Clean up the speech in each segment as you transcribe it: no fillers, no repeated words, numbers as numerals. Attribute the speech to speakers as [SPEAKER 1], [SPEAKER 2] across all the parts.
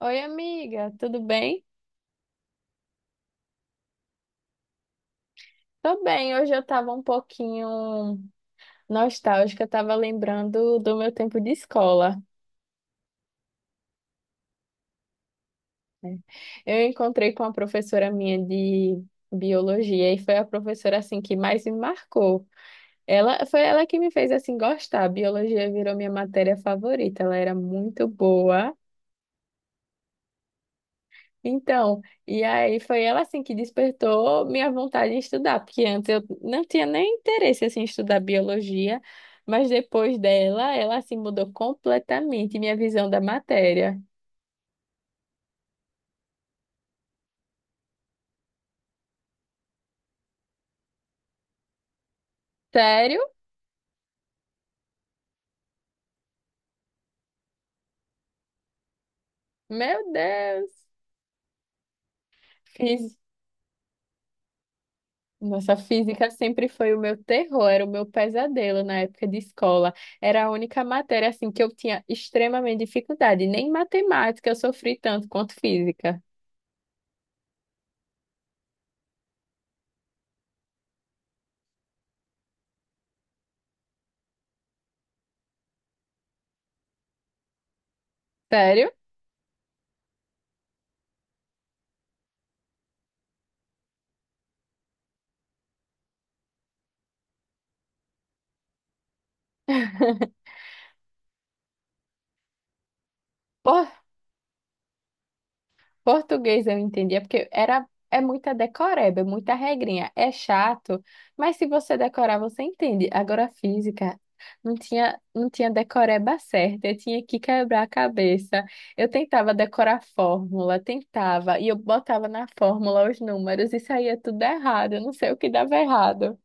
[SPEAKER 1] Oi, amiga, tudo bem? Tô bem, hoje eu tava um pouquinho nostálgica, eu tava lembrando do meu tempo de escola. Né? Eu encontrei com uma professora minha de biologia, e foi a professora assim que mais me marcou. Ela foi ela que me fez assim gostar. A biologia virou minha matéria favorita. Ela era muito boa. Então, e aí foi ela assim que despertou minha vontade em estudar, porque antes eu não tinha nem interesse assim em estudar biologia, mas depois dela, ela assim mudou completamente minha visão da matéria. Sério? Meu Deus. Fiz... Nossa, física sempre foi o meu terror, era o meu pesadelo na época de escola. Era a única matéria assim que eu tinha extremamente dificuldade, nem matemática eu sofri tanto quanto física. Sério? Pô, português eu entendia, porque era, é muita decoreba, é muita regrinha, é chato, mas se você decorar, você entende. Agora, física, não tinha decoreba certa, eu tinha que quebrar a cabeça. Eu tentava decorar fórmula, tentava, e eu botava na fórmula os números e saía tudo errado, eu não sei o que dava errado.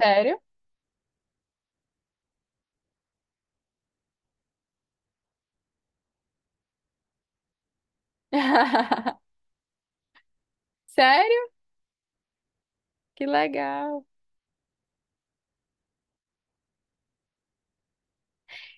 [SPEAKER 1] Sério? Sério? Que legal!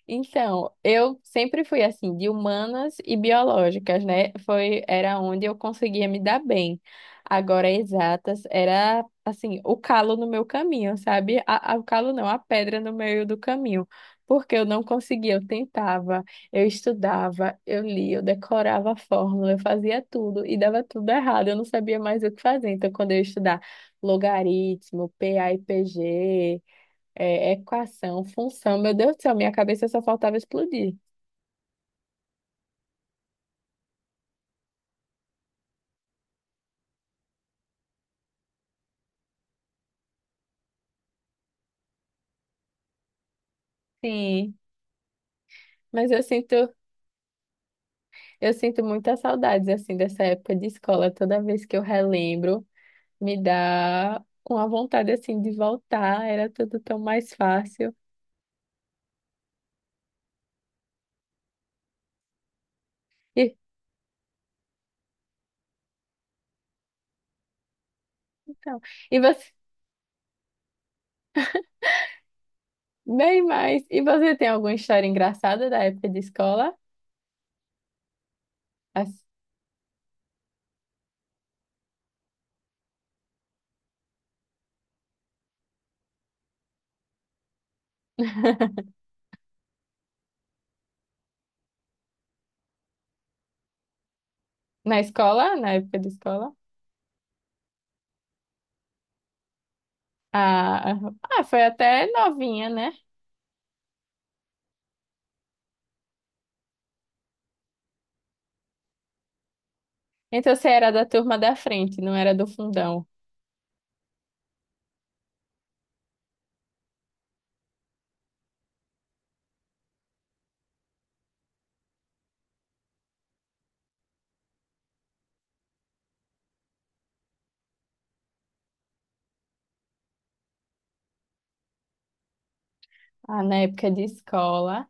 [SPEAKER 1] Então, eu sempre fui assim, de humanas e biológicas, né? Foi, era onde eu conseguia me dar bem. Agora, exatas, era assim, o calo no meu caminho, sabe? O calo não, a pedra no meio do caminho. Porque eu não conseguia, eu tentava, eu estudava, eu lia, eu decorava a fórmula, eu fazia tudo e dava tudo errado, eu não sabia mais o que fazer. Então, quando eu ia estudar logaritmo, P a e p g é, equação, função. Meu Deus do céu, minha cabeça só faltava explodir. Sim, mas eu sinto muitas saudades assim dessa época de escola. Toda vez que eu relembro, me dá uma vontade assim de voltar. Era tudo tão mais fácil. E, então, e você, bem mais. E você tem alguma história engraçada da época de escola? As- Na escola, na época de escola? Ah, ah, foi até novinha, né? Então você era da turma da frente, não era do fundão. Ah, na época de escola.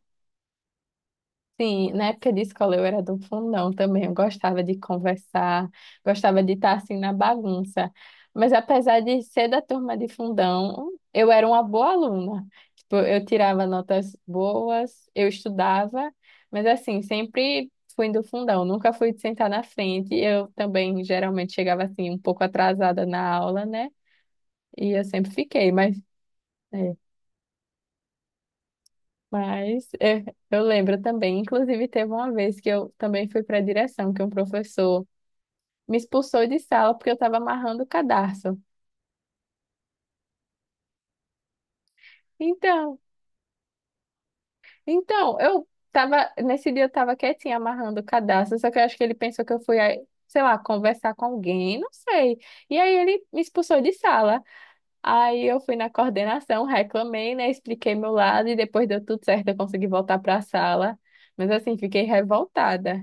[SPEAKER 1] Sim, na época de escola eu era do fundão também. Eu gostava de conversar, gostava de estar assim na bagunça. Mas apesar de ser da turma de fundão, eu era uma boa aluna. Tipo, eu tirava notas boas, eu estudava, mas assim, sempre fui do fundão, nunca fui de sentar na frente. Eu também geralmente chegava assim um pouco atrasada na aula, né? E eu sempre fiquei, mas é. Mas é, eu lembro também, inclusive teve uma vez que eu também fui para a direção, que um professor me expulsou de sala porque eu estava amarrando o cadarço. Então, então, eu tava, nesse dia eu estava quietinha amarrando o cadarço, só que eu acho que ele pensou que eu fui, aí, sei lá, conversar com alguém, não sei. E aí ele me expulsou de sala. Aí eu fui na coordenação, reclamei, né, expliquei meu lado e depois deu tudo certo, eu consegui voltar para a sala. Mas assim, fiquei revoltada.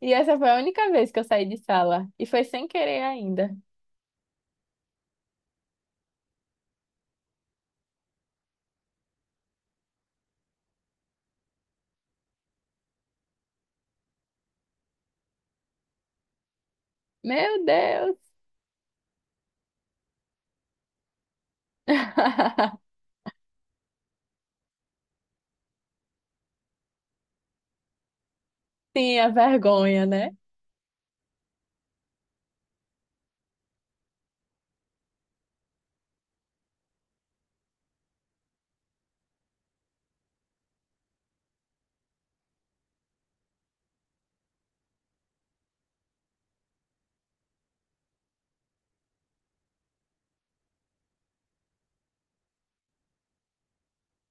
[SPEAKER 1] E essa foi a única vez que eu saí de sala. E foi sem querer ainda. Meu Deus! Tinha vergonha, né?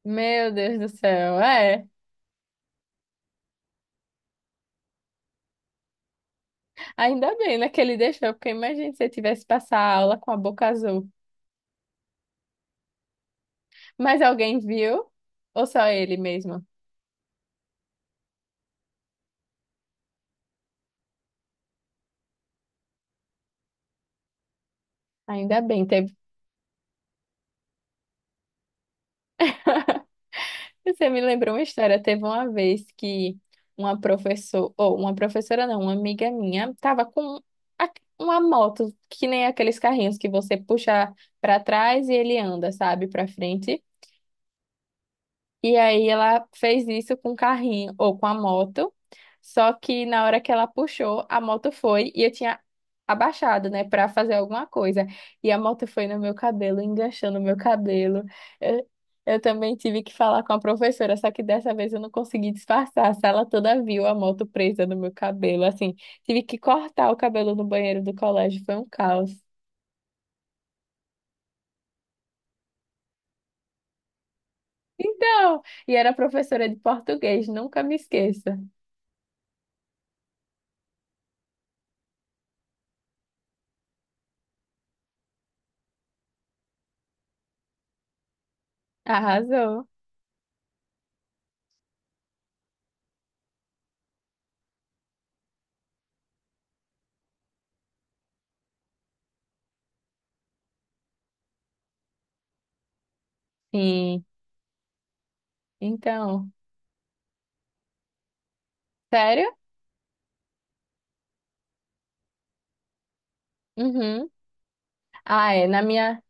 [SPEAKER 1] Meu Deus do céu, é. Ainda bem, né, que ele deixou, porque imagina se eu tivesse passar a aula com a boca azul. Mas alguém viu? Ou só ele mesmo? Ainda bem, teve. Você me lembrou uma história. Teve uma vez que uma professora, ou uma professora não, uma amiga minha, estava com a- uma moto, que nem aqueles carrinhos que você puxa para trás e ele anda, sabe, para frente. E aí ela fez isso com o carrinho ou com a moto. Só que na hora que ela puxou, a moto foi e eu tinha abaixado, né, para fazer alguma coisa. E a moto foi no meu cabelo, enganchou no meu cabelo. Eu, eu também tive que falar com a professora, só que dessa vez eu não consegui disfarçar. A sala toda viu a moto presa no meu cabelo, assim. Tive que cortar o cabelo no banheiro do colégio, foi um caos. Então, e era professora de português, nunca me esqueça. Arrasou. Sim. Então, sério? Uhum. Ah, é. Na minha,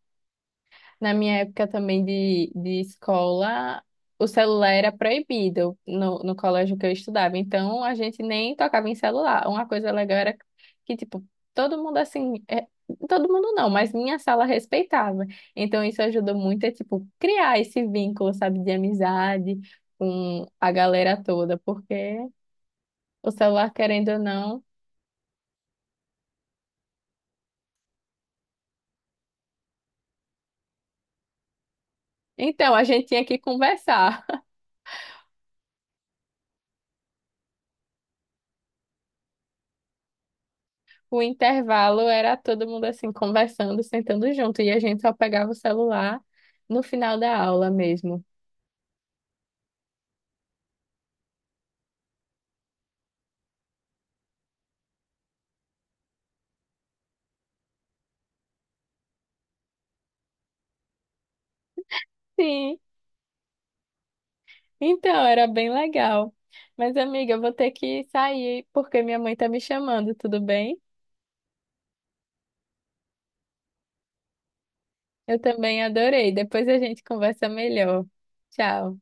[SPEAKER 1] na minha época também de escola, o celular era proibido no colégio que eu estudava. Então, a gente nem tocava em celular. Uma coisa legal era que, tipo, todo mundo assim. É, todo mundo não, mas minha sala respeitava. Então, isso ajudou muito a, tipo, criar esse vínculo, sabe, de amizade com a galera toda, porque o celular, querendo ou não. Então, a gente tinha que conversar. O intervalo era todo mundo assim, conversando, sentando junto, e a gente só pegava o celular no final da aula mesmo. Sim, então era bem legal. Mas, amiga, eu vou ter que sair porque minha mãe tá me chamando, tudo bem? Eu também adorei. Depois a gente conversa melhor. Tchau.